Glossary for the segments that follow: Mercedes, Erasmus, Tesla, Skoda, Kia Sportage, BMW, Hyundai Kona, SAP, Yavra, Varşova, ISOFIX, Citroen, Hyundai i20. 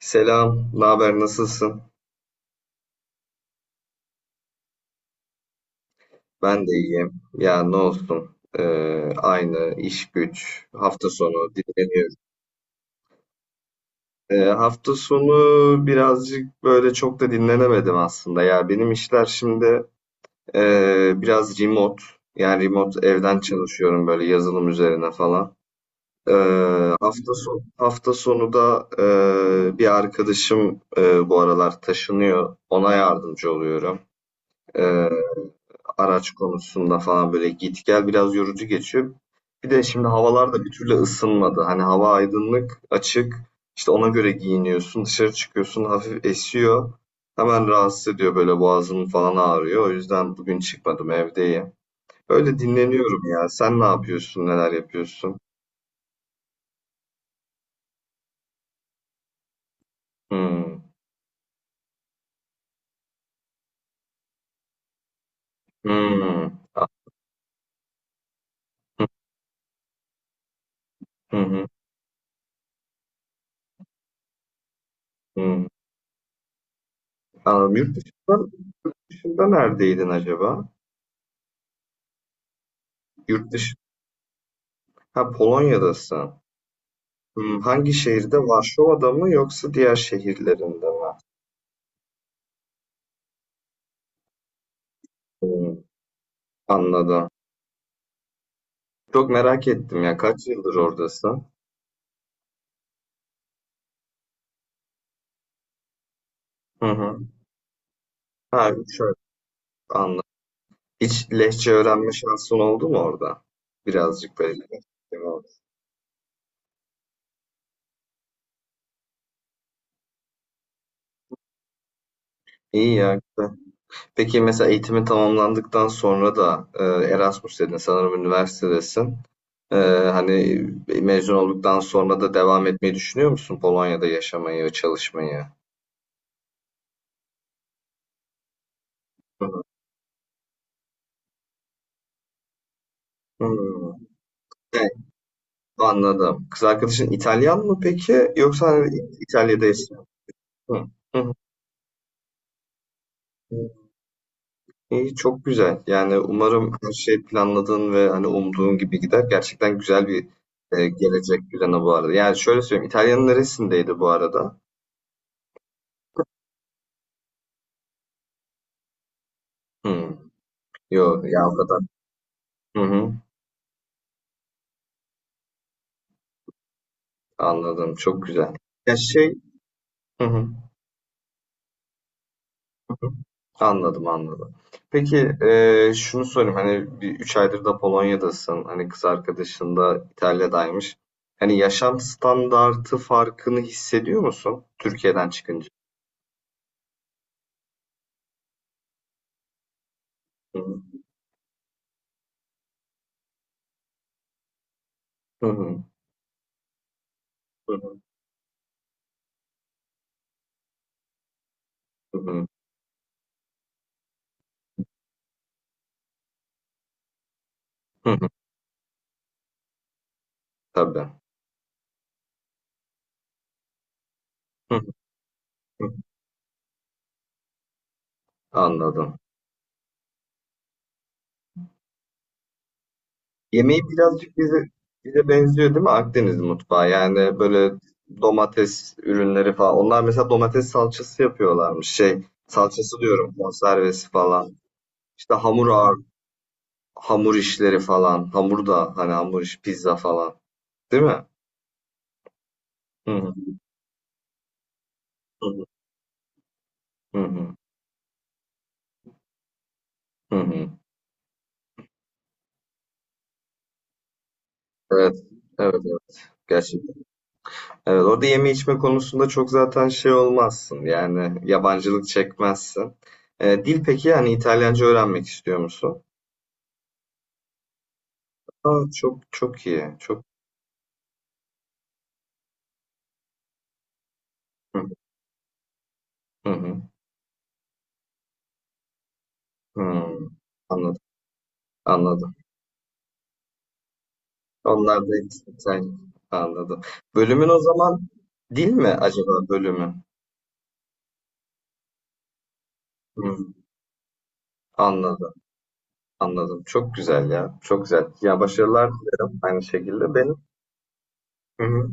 Selam, ne haber, nasılsın? Ben de iyiyim. Ya ne olsun, aynı iş güç, hafta sonu dinleniyorum. Hafta sonu birazcık böyle çok da dinlenemedim aslında. Ya benim işler şimdi biraz remote, yani remote evden çalışıyorum böyle yazılım üzerine falan. Ee, hafta sonu da bir arkadaşım bu aralar taşınıyor, ona yardımcı oluyorum. E, araç konusunda falan böyle git gel biraz yorucu geçiyor. Bir de şimdi havalar da bir türlü ısınmadı. Hani hava aydınlık, açık. İşte ona göre giyiniyorsun, dışarı çıkıyorsun, hafif esiyor. Hemen rahatsız ediyor, böyle boğazım falan ağrıyor. O yüzden bugün çıkmadım, evdeyim. Öyle dinleniyorum ya. Sen ne yapıyorsun, neler yapıyorsun? Hmm. Hmm. Ah. Hı hı. Hı. Anladım. Dışında neredeydin acaba? Yurt dışı. Ha, Polonya'dasın. Hmm, hangi şehirde? Varşova'da mı, yoksa diğer şehirlerinde mi? Hmm, anladım. Çok merak ettim ya. Kaç yıldır oradasın? Hı hı. Ha, 3 ay. Anladım. Hiç Lehçe öğrenme şansın oldu mu orada? Birazcık böyle. İyi ya. Güzel. Peki, mesela eğitimi tamamlandıktan sonra da Erasmus dedin sanırım, üniversitedesin. E, Hani mezun olduktan sonra da devam etmeyi düşünüyor musun Polonya'da yaşamayı ve çalışmayı? Hı hı. Hmm. Anladım. Kız arkadaşın İtalyan mı peki? Yoksa hani İtalya'da yaşıyor. Hı. Hı hı. İyi, çok güzel. Yani umarım her şey planladığın ve hani umduğun gibi gider. Gerçekten güzel bir gelecek planı bu arada. Yani şöyle söyleyeyim. İtalya'nın neresindeydi bu arada? Hı. Yo, Yavra'da. Hı hı. Anladım. Çok güzel. Ya şey, hı hı. Anladım, anladım. Peki, şunu sorayım, hani bir 3 aydır da Polonya'dasın, hani kız arkadaşın da İtalya'daymış. Hani yaşam standartı farkını hissediyor musun Türkiye'den çıkınca? Hı hı, hı hı, hı hı, hı hı. Tabii. Hı hı, hı. Anladım. Yemeği birazcık bize benziyor değil mi Akdeniz mutfağı? Yani böyle domates ürünleri falan. Onlar mesela domates salçası yapıyorlarmış. Şey salçası diyorum, konservesi falan. İşte hamur ağır Hamur işleri falan, hamur da hani hamur iş, pizza falan, değil mi? Hı hı. Hı hı. Hı hı. Hı hı. Evet. Evet, evet. Gerçekten. Evet, orada yeme içme konusunda çok zaten şey olmazsın. Yani yabancılık çekmezsin. Dil peki, yani İtalyanca öğrenmek istiyor musun? Aa, çok çok iyi. Çok. Hı hı. Hı. Hmm. Anladım. Anladım. Onlar da İtalyan. Anladım. Bölümün o zaman dil mi acaba bölümü? Hı. Anladım. Anladım. Çok güzel ya. Çok güzel. Ya başarılar dilerim aynı şekilde. Benim. Hı hı,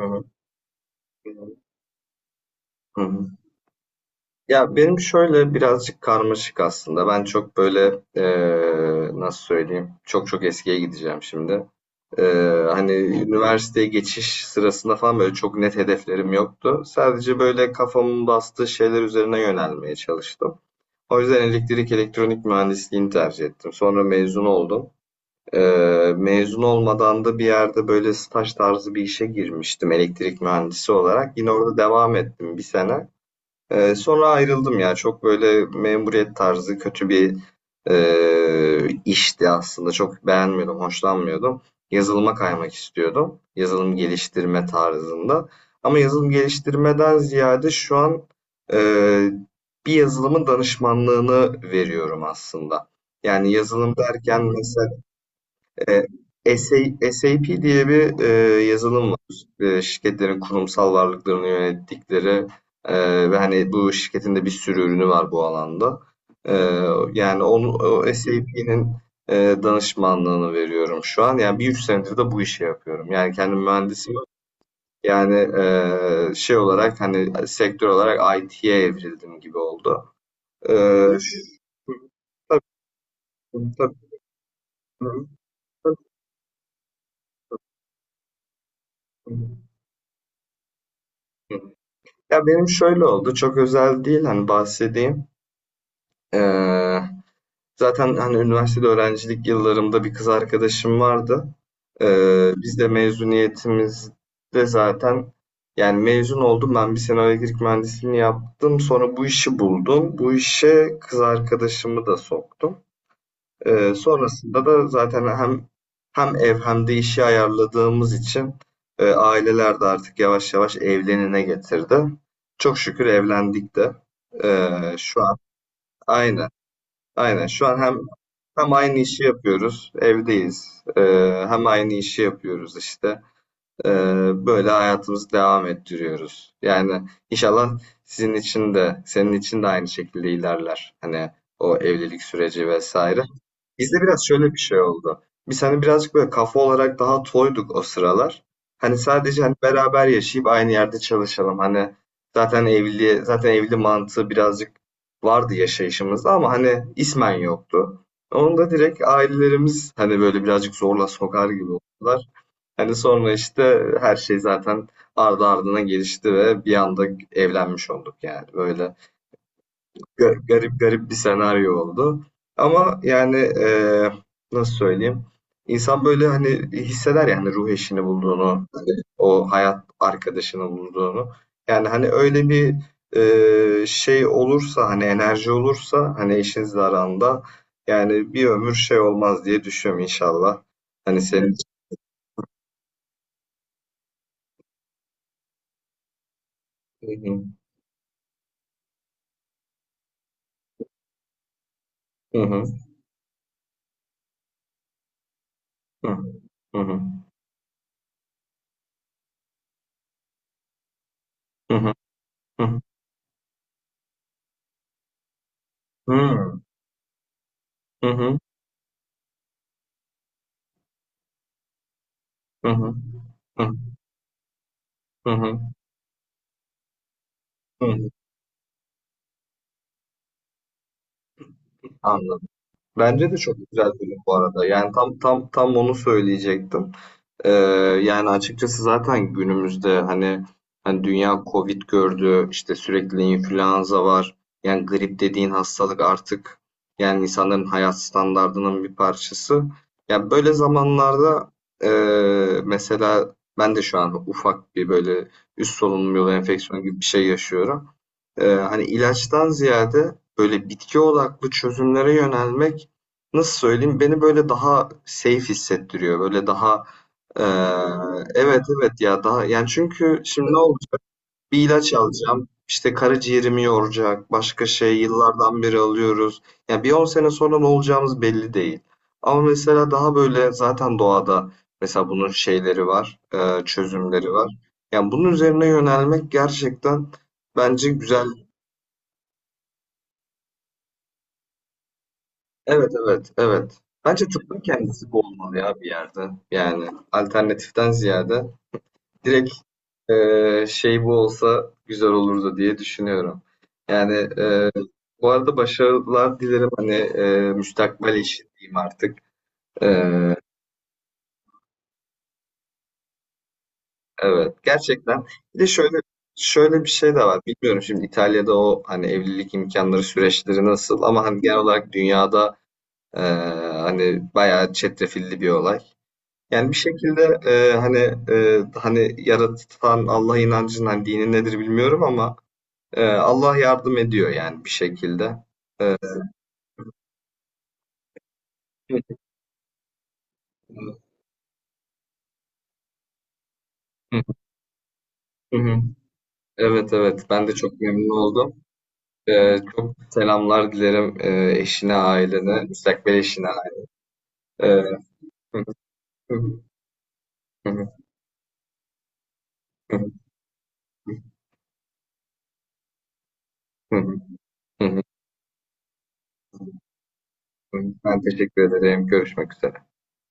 hı hı, hı hı. Ya benim şöyle birazcık karmaşık aslında. Ben çok böyle nasıl söyleyeyim? Çok çok eskiye gideceğim şimdi. Hani üniversiteye geçiş sırasında falan böyle çok net hedeflerim yoktu. Sadece böyle kafamın bastığı şeyler üzerine yönelmeye çalıştım. O yüzden elektrik elektronik mühendisliğini tercih ettim. Sonra mezun oldum. Mezun olmadan da bir yerde böyle staj tarzı bir işe girmiştim elektrik mühendisi olarak. Yine orada devam ettim bir sene. Sonra ayrıldım ya. Çok böyle memuriyet tarzı kötü bir işti aslında. Çok beğenmiyordum, hoşlanmıyordum. Yazılıma kaymak istiyordum. Yazılım geliştirme tarzında. Ama yazılım geliştirmeden ziyade şu an e, bir yazılımın danışmanlığını veriyorum aslında. Yani yazılım derken mesela e, SA SAP diye bir yazılım var. Şirketlerin kurumsal varlıklarını yönettikleri ve hani bu şirketin de bir sürü ürünü var bu alanda. E, Yani onu, o SAP'nin e, danışmanlığını veriyorum şu an. Yani bir 3 senedir de bu işi yapıyorum. Yani kendim mühendisim. Yani şey olarak, hani sektör olarak IT'ye evrildim gibi oldu. E, şu- tabii, tabii, tabii. Ya benim şöyle oldu, çok özel değil, hani bahsedeyim. Ee, Zaten hani üniversitede öğrencilik yıllarımda bir kız arkadaşım vardı. Biz de mezuniyetimizde zaten, yani mezun oldum, ben bir sene elektrik mühendisliğini yaptım. Sonra bu işi buldum. Bu işe kız arkadaşımı da soktum. Sonrasında da zaten hem ev hem de işi ayarladığımız için aileler de artık yavaş yavaş evlenine getirdi. Çok şükür evlendik de. Şu an, aynen, aynen, şu an hem aynı işi yapıyoruz, evdeyiz. Ee, Hem aynı işi yapıyoruz işte. Ee, Böyle hayatımızı devam ettiriyoruz. Yani inşallah sizin için de, senin için de aynı şekilde ilerler. Hani o evlilik süreci vesaire. Bizde biraz şöyle bir şey oldu. Biz hani birazcık böyle kafa olarak daha toyduk o sıralar. Hani sadece, hani beraber yaşayıp aynı yerde çalışalım. Hani zaten evli mantığı birazcık vardı yaşayışımızda ama hani ismen yoktu. Onu da direkt ailelerimiz hani böyle birazcık zorla sokar gibi oldular. Hani sonra işte her şey zaten ardı ardına gelişti ve bir anda evlenmiş olduk yani. Böyle garip garip bir senaryo oldu. Ama yani nasıl söyleyeyim? İnsan böyle hani hisseder yani, ruh eşini bulduğunu, hani o hayat arkadaşını bulduğunu. Yani hani öyle bir şey olursa, hani enerji olursa hani eşinizle aranda, yani bir ömür şey olmaz diye düşünüyorum inşallah. Hani senin. Hı hı. Hı hı. Hı hı. Hı hı. Hı hı. Hıı. Hı hı. Hı hı. Hı. Hı hı. Hı hı. Anladım. Bence de çok güzel film bu arada. Yani tam tam tam onu söyleyecektim. Ee, Yani açıkçası zaten günümüzde hani dünya Covid gördü, işte sürekli influenza var. Yani grip dediğin hastalık artık yani insanların hayat standardının bir parçası. Ya böyle zamanlarda e, mesela ben de şu an ufak bir böyle üst solunum yolu enfeksiyonu gibi bir şey yaşıyorum. Hani ilaçtan ziyade böyle bitki odaklı çözümlere yönelmek, nasıl söyleyeyim, beni böyle daha safe hissettiriyor. Böyle daha ee, evet, evet ya, daha yani, çünkü şimdi ne olacak? Bir ilaç alacağım. İşte karaciğerimi yoracak. Başka şey yıllardan beri alıyoruz. Yani bir 10 sene sonra ne olacağımız belli değil. Ama mesela daha böyle zaten doğada mesela bunun şeyleri var. Çözümleri var. Yani bunun üzerine yönelmek gerçekten bence güzel. Evet, evet, evet. Bence tıbbın kendisi bu olmalı ya bir yerde. Yani alternatiften ziyade. Direkt, şey bu olsa güzel olurdu diye düşünüyorum. Yani bu arada başarılar dilerim hani müstakbel işin diyeyim artık. Eee, evet, gerçekten. Bir de şöyle bir şey de var. Bilmiyorum şimdi İtalya'da o hani evlilik imkanları süreçleri nasıl ama hani genel olarak dünyada eee, hani bayağı çetrefilli bir olay. Yani bir şekilde hani hani yaratan Allah inancının hani dini nedir bilmiyorum ama Allah yardım ediyor yani bir şekilde. Ee, Hı hı. Evet, evet, ben de çok memnun oldum. Çok selamlar dilerim eşine, ailene, müstakbel eşine. Ee, hı. Hı hı. Hı hı. Hı hı. Ben teşekkür ederim. Görüşmek üzere.